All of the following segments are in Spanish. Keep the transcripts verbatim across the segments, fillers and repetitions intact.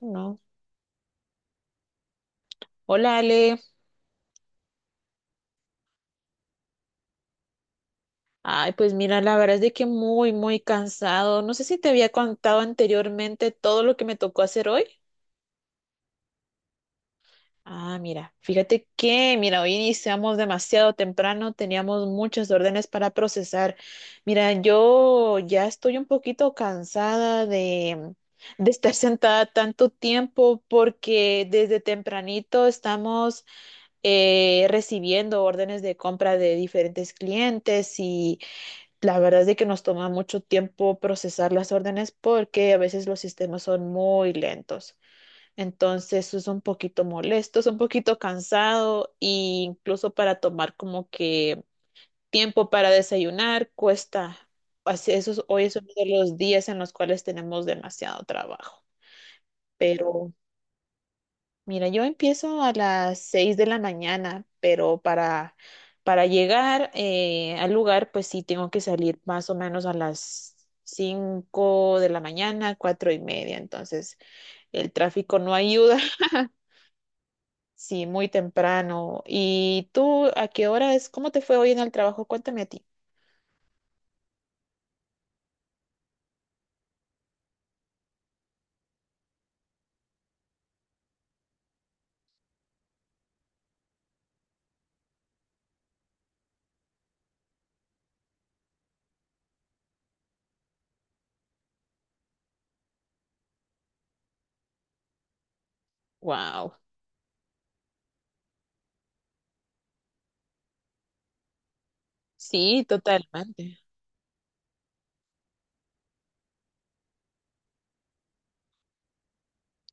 No. Hola, Ale. Ay, pues mira, la verdad es de que muy, muy cansado. No sé si te había contado anteriormente todo lo que me tocó hacer hoy. Ah, mira, fíjate que, mira, hoy iniciamos demasiado temprano, teníamos muchas órdenes para procesar. Mira, yo ya estoy un poquito cansada de, de estar sentada tanto tiempo porque desde tempranito estamos eh, recibiendo órdenes de compra de diferentes clientes y... La verdad es de que nos toma mucho tiempo procesar las órdenes porque a veces los sistemas son muy lentos. Entonces eso es un poquito molesto, es un poquito cansado e incluso para tomar como que tiempo para desayunar cuesta. Así, eso es- hoy es uno de los días en los cuales tenemos demasiado trabajo. Pero mira, yo empiezo a las seis de la mañana, pero para, para llegar eh, al lugar, pues sí tengo que salir más o menos a las cinco de la mañana, cuatro y media. Entonces, el tráfico no ayuda. Sí, muy temprano. ¿Y tú a qué hora es? ¿Cómo te fue hoy en el trabajo? Cuéntame a ti. Wow. Sí, totalmente.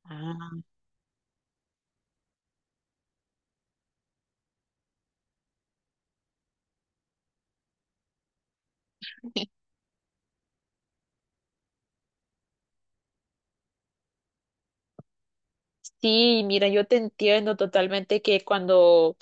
Ah. Sí, mira, yo te entiendo totalmente que cuando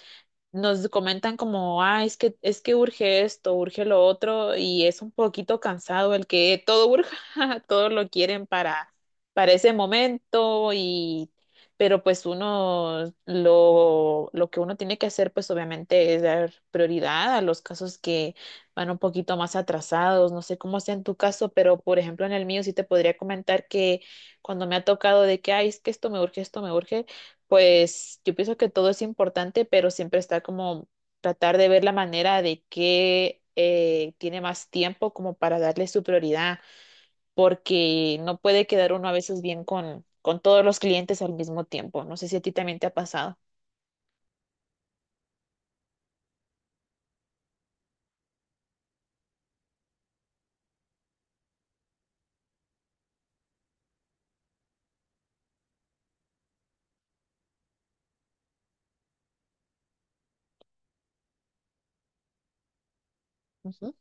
nos comentan como, ah, es que, es que urge esto, urge lo otro, y es un poquito cansado el que todo urge, todo lo quieren para, para ese momento, y, pero pues uno, lo, lo que uno tiene que hacer, pues obviamente es dar prioridad a los casos que van un poquito más atrasados, no sé cómo sea en tu caso, pero por ejemplo en el mío sí te podría comentar que cuando me ha tocado de que, ay, es que esto me urge, esto me urge, pues yo pienso que todo es importante, pero siempre está como tratar de ver la manera de que eh, tiene más tiempo como para darle su prioridad, porque no puede quedar uno a veces bien con, con todos los clientes al mismo tiempo. No sé si a ti también te ha pasado. Ujú,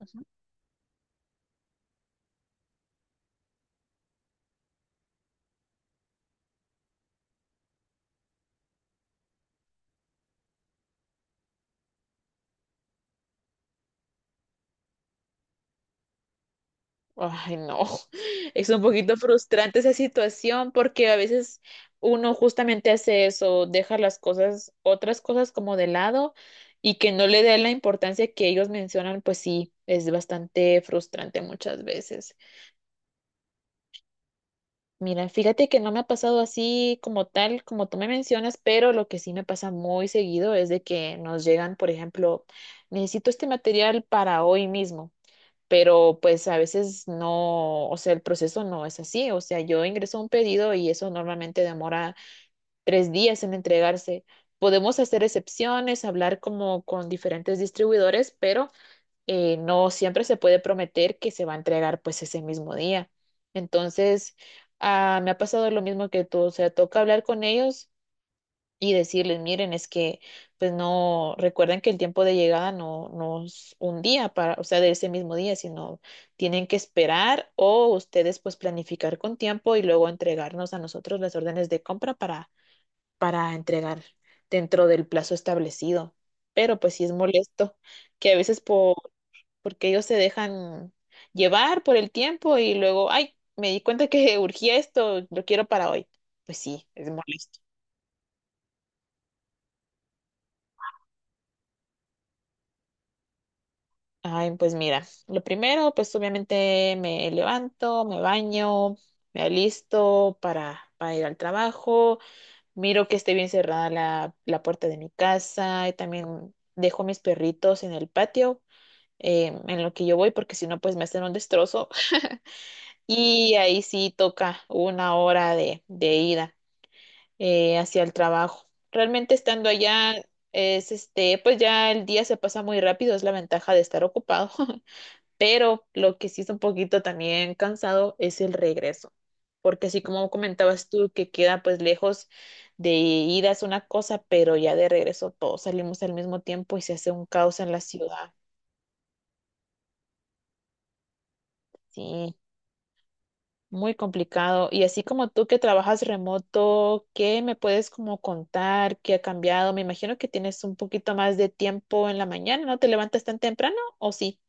ujú. Ay, no, es un poquito frustrante esa situación porque a veces uno justamente hace eso, deja las cosas, otras cosas como de lado y que no le dé la importancia que ellos mencionan, pues sí, es bastante frustrante muchas veces. Mira, fíjate que no me ha pasado así como tal, como tú me mencionas, pero lo que sí me pasa muy seguido es de que nos llegan, por ejemplo, necesito este material para hoy mismo, pero pues a veces no, o sea, el proceso no es así, o sea, yo ingreso un pedido y eso normalmente demora tres días en entregarse. Podemos hacer excepciones, hablar como con diferentes distribuidores, pero eh, no siempre se puede prometer que se va a entregar pues ese mismo día. Entonces, ah, me ha pasado lo mismo que tú, o sea, toca hablar con ellos y decirles, miren, es que pues no, recuerden que el tiempo de llegada no, no es un día para, o sea, de ese mismo día, sino tienen que esperar o ustedes pues planificar con tiempo y luego entregarnos a nosotros las órdenes de compra para, para entregar dentro del plazo establecido. Pero pues sí es molesto que a veces por, porque ellos se dejan llevar por el tiempo y luego, ay, me di cuenta que urgía esto, lo quiero para hoy. Pues sí, es molesto. Ay, pues mira, lo primero, pues obviamente me levanto, me baño, me alisto para, para ir al trabajo, miro que esté bien cerrada la, la puerta de mi casa y también dejo mis perritos en el patio eh, en lo que yo voy porque si no, pues me hacen un destrozo y ahí sí toca una hora de, de ida eh, hacia el trabajo. Realmente estando allá es este, pues ya el día se pasa muy rápido, es la ventaja de estar ocupado. Pero lo que sí es un poquito también cansado es el regreso, porque así como comentabas tú que queda pues lejos, de ida es una cosa, pero ya de regreso todos salimos al mismo tiempo y se hace un caos en la ciudad. Sí, muy complicado. Y así como tú que trabajas remoto, ¿qué me puedes como contar? ¿Qué ha cambiado? Me imagino que tienes un poquito más de tiempo en la mañana, ¿no te levantas tan temprano o sí?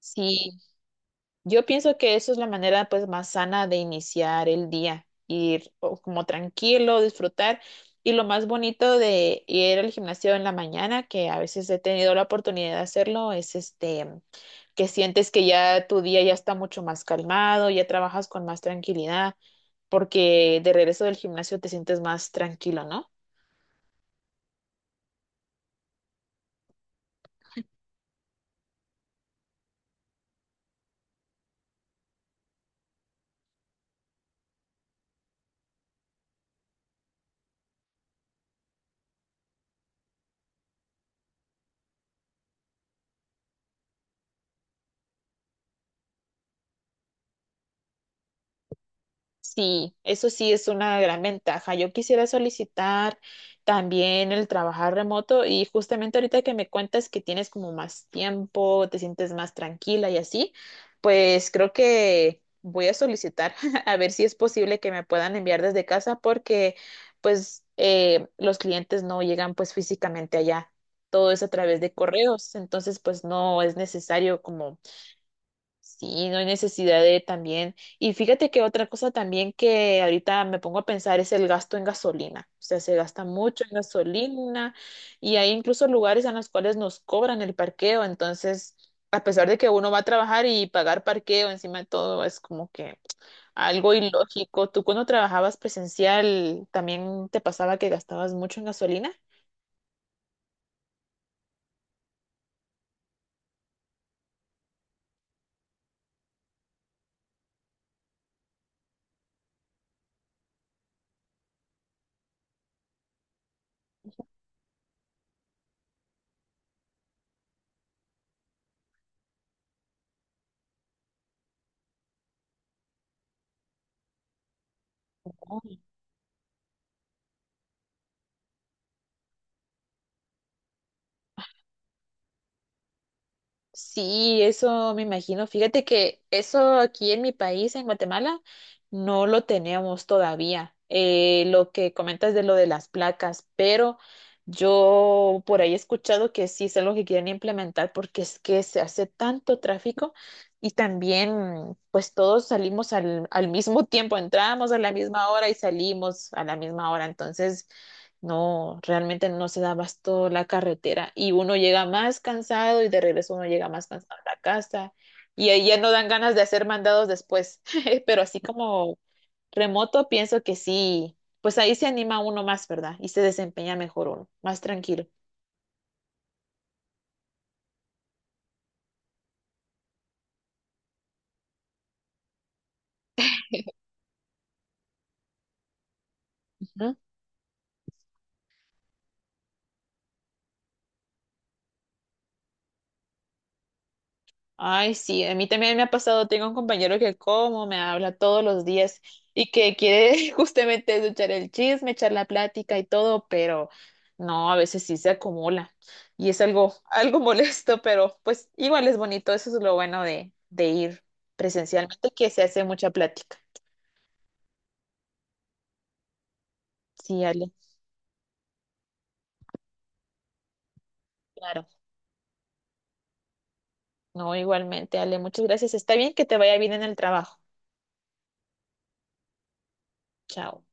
Sí, yo pienso que eso es la manera pues más sana de iniciar el día, ir o, como tranquilo, disfrutar. Y lo más bonito de ir al gimnasio en la mañana, que a veces he tenido la oportunidad de hacerlo, es este que sientes que ya tu día ya está mucho más calmado, ya trabajas con más tranquilidad, porque de regreso del gimnasio te sientes más tranquilo, ¿no? Sí, eso sí es una gran ventaja. Yo quisiera solicitar también el trabajar remoto y justamente ahorita que me cuentas que tienes como más tiempo, te sientes más tranquila y así, pues creo que voy a solicitar a ver si es posible que me puedan enviar desde casa porque pues eh, los clientes no llegan pues físicamente allá. Todo es a través de correos, entonces pues no es necesario como sí, no hay necesidad de también. Y fíjate que otra cosa también que ahorita me pongo a pensar es el gasto en gasolina. O sea, se gasta mucho en gasolina y hay incluso lugares en los cuales nos cobran el parqueo. Entonces, a pesar de que uno va a trabajar y pagar parqueo encima de todo es como que algo ilógico. ¿Tú cuando trabajabas presencial también te pasaba que gastabas mucho en gasolina? Sí, eso me imagino. Fíjate que eso aquí en mi país, en Guatemala, no lo tenemos todavía. Eh, lo que comentas de lo de las placas, pero yo por ahí he escuchado que sí es algo que quieren implementar porque es que se hace tanto tráfico y también pues todos salimos al, al mismo tiempo, entramos a la misma hora y salimos a la misma hora. Entonces... No, realmente no se da abasto la carretera y uno llega más cansado y de regreso uno llega más cansado a la casa y ahí ya no dan ganas de hacer mandados después, pero así como remoto pienso que sí, pues ahí se anima uno más, ¿verdad? Y se desempeña mejor uno, más tranquilo. Ay, sí, a mí también me ha pasado, tengo un compañero que como, me habla todos los días y que quiere justamente eso, echar el chisme, echar la plática y todo, pero no, a veces sí se acumula y es algo, algo molesto, pero pues igual es bonito, eso es lo bueno de, de ir presencialmente, que se hace mucha plática. Sí, Ale, claro, no, igualmente, Ale, muchas gracias, está bien que te vaya bien en el trabajo. Chao.